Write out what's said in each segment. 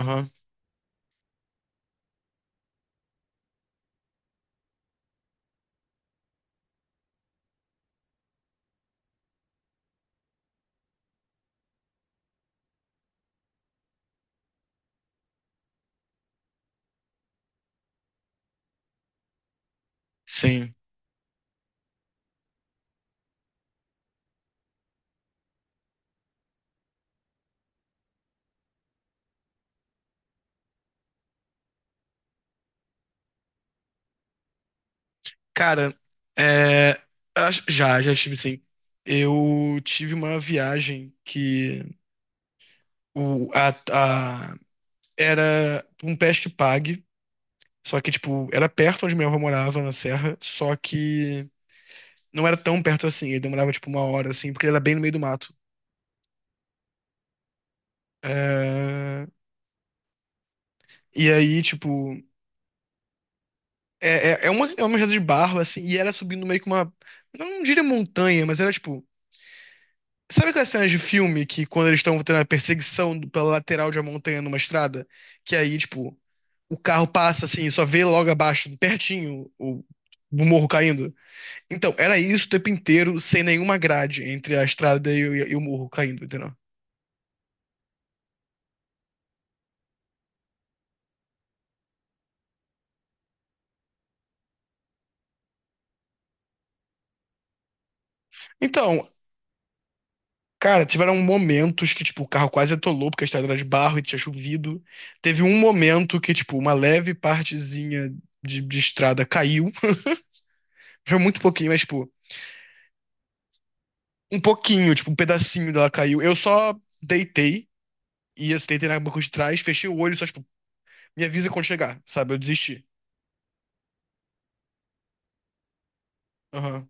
Aham, sim. Cara, é, já tive sim. Eu tive uma viagem que o, a, a- era um pesque pague, só que, tipo, era perto onde minha avó morava, na serra, só que não era tão perto assim, ele demorava, tipo, uma hora, assim, porque ele era bem no meio do mato. É, e aí, tipo, é uma estrada de barro, assim, e era subindo meio que uma, não diria montanha, mas era, tipo, sabe aquelas cenas de filme que quando eles estão tendo a pela lateral de uma montanha numa estrada, que aí, tipo, o carro passa assim, e só vê logo abaixo, pertinho, o morro caindo? Então, era isso o tempo inteiro, sem nenhuma grade entre a estrada e o morro caindo, entendeu? Então, cara, tiveram momentos que, tipo, o carro quase atolou porque a estrada era de barro e tinha chovido. Teve um momento que, tipo, uma leve partezinha de estrada caiu. Foi muito pouquinho, mas, tipo. Um pouquinho, tipo, um pedacinho dela caiu. Eu só deitei e assim, deitei na banca de trás, fechei o olho, e só, tipo, me avisa quando chegar, sabe? Eu desisti. Aham.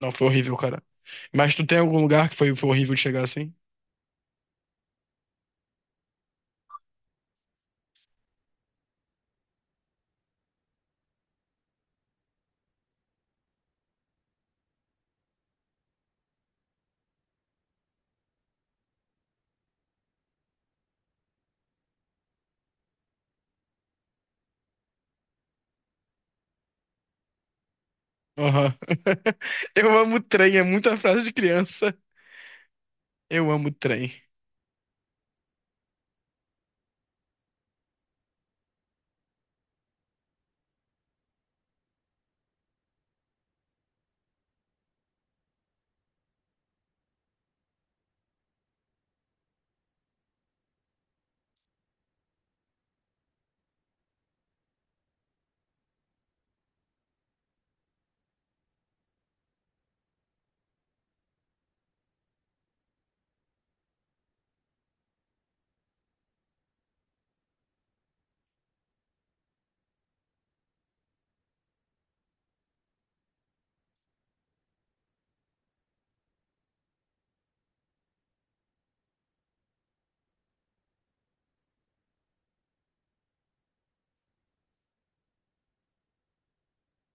Não, foi horrível, cara. Mas tu tem algum lugar que foi, foi horrível de chegar assim? Aham. Eu amo trem, é muita frase de criança. Eu amo trem.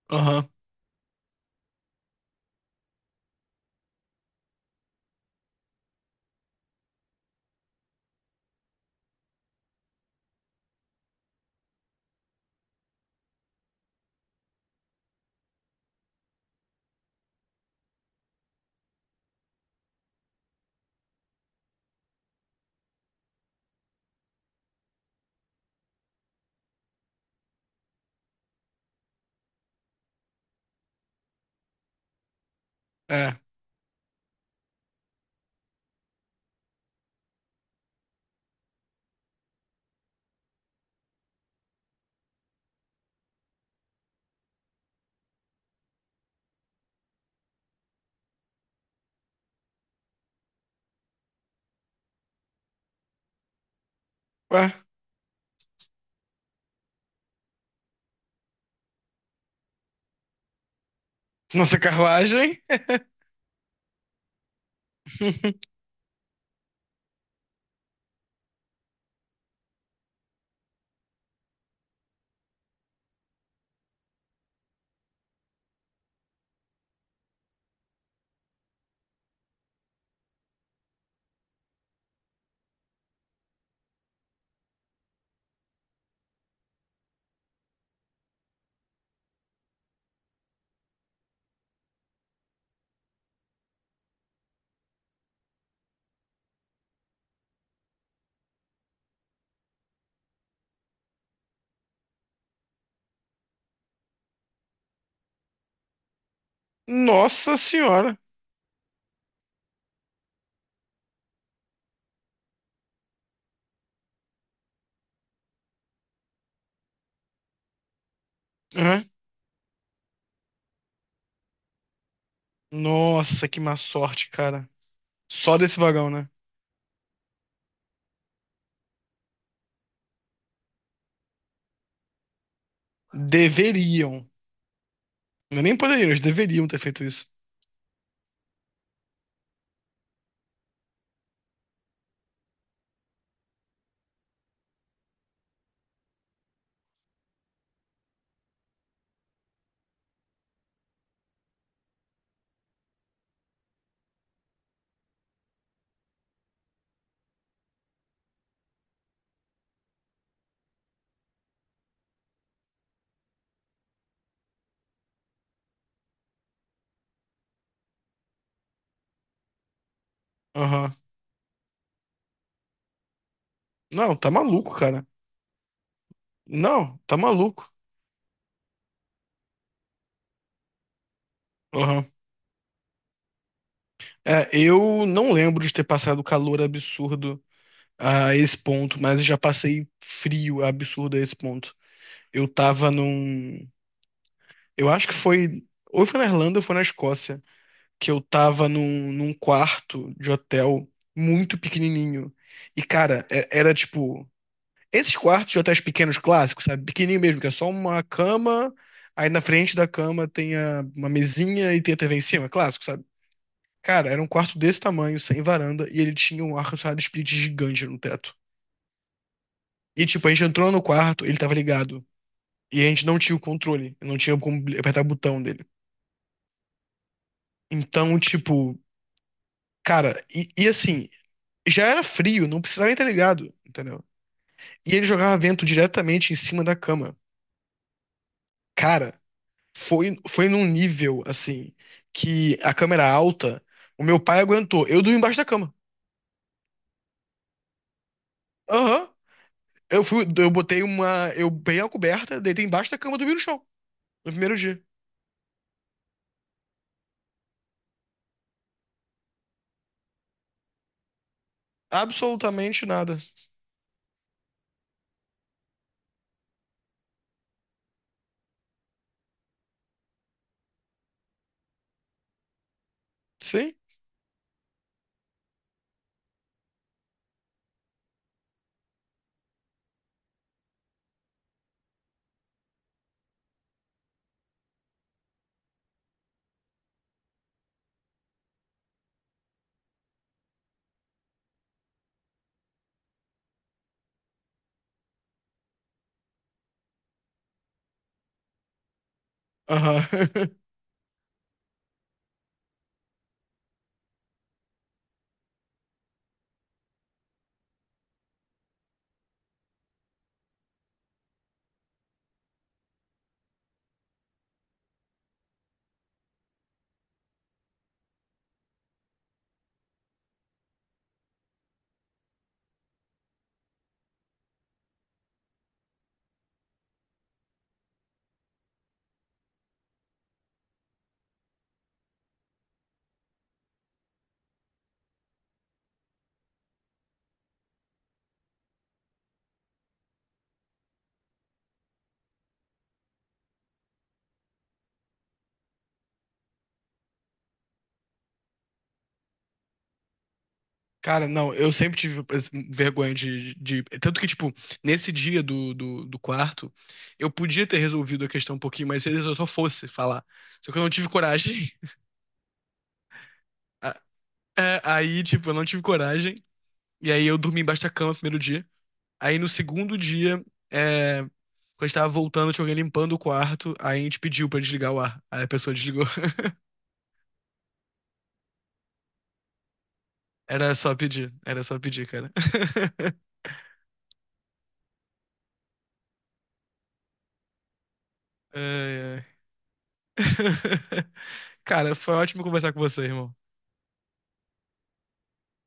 Aham. É. Ué, nossa carruagem? Nossa senhora. Aham. Nossa, que má sorte, cara. Só desse vagão, né? Deveriam. Não é nem poderiam, eles deveriam ter feito isso. Aham. Não, tá maluco, cara. Não, tá maluco. Aham. É, eu não lembro de ter passado calor absurdo a esse ponto, mas já passei frio absurdo a esse ponto. Eu tava num. Eu acho que foi. Ou foi na Irlanda ou foi na Escócia, que eu tava num quarto de hotel muito pequenininho. E, cara, era tipo. Esses quartos de hotéis pequenos clássicos, sabe? Pequenininho mesmo, que é só uma cama, aí na frente da cama uma mesinha e tem a TV em cima, clássico, sabe? Cara, era um quarto desse tamanho, sem varanda, e ele tinha um ar-condicionado split gigante no teto. E tipo, a gente entrou no quarto, ele tava ligado, e a gente não tinha o controle, não tinha como apertar o botão dele. Então, tipo, cara, e assim, já era frio, não precisava nem estar ligado, entendeu? E ele jogava vento diretamente em cima da cama. Cara, foi, foi num nível, assim, que a câmera alta, o meu pai aguentou. Eu dormi embaixo da cama. Aham. Eu fui, eu botei uma, eu peguei uma coberta, deitei embaixo da cama, e dormi no chão, no primeiro dia. Absolutamente nada. Sim? Aham. Cara, não, eu sempre tive assim, vergonha de, tanto que, tipo, nesse dia do quarto, eu podia ter resolvido a questão um pouquinho mais cedo se eu só fosse falar. Só que eu não tive coragem. A- Aí, tipo, eu não tive coragem. E aí eu dormi embaixo da cama no primeiro dia. Aí no segundo dia, quando a gente tava voltando, tinha alguém limpando o quarto. Aí a gente pediu pra desligar o ar. Aí a pessoa desligou. Era só pedir, cara. Ai, ai. Cara, foi ótimo conversar com você, irmão.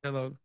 Até logo.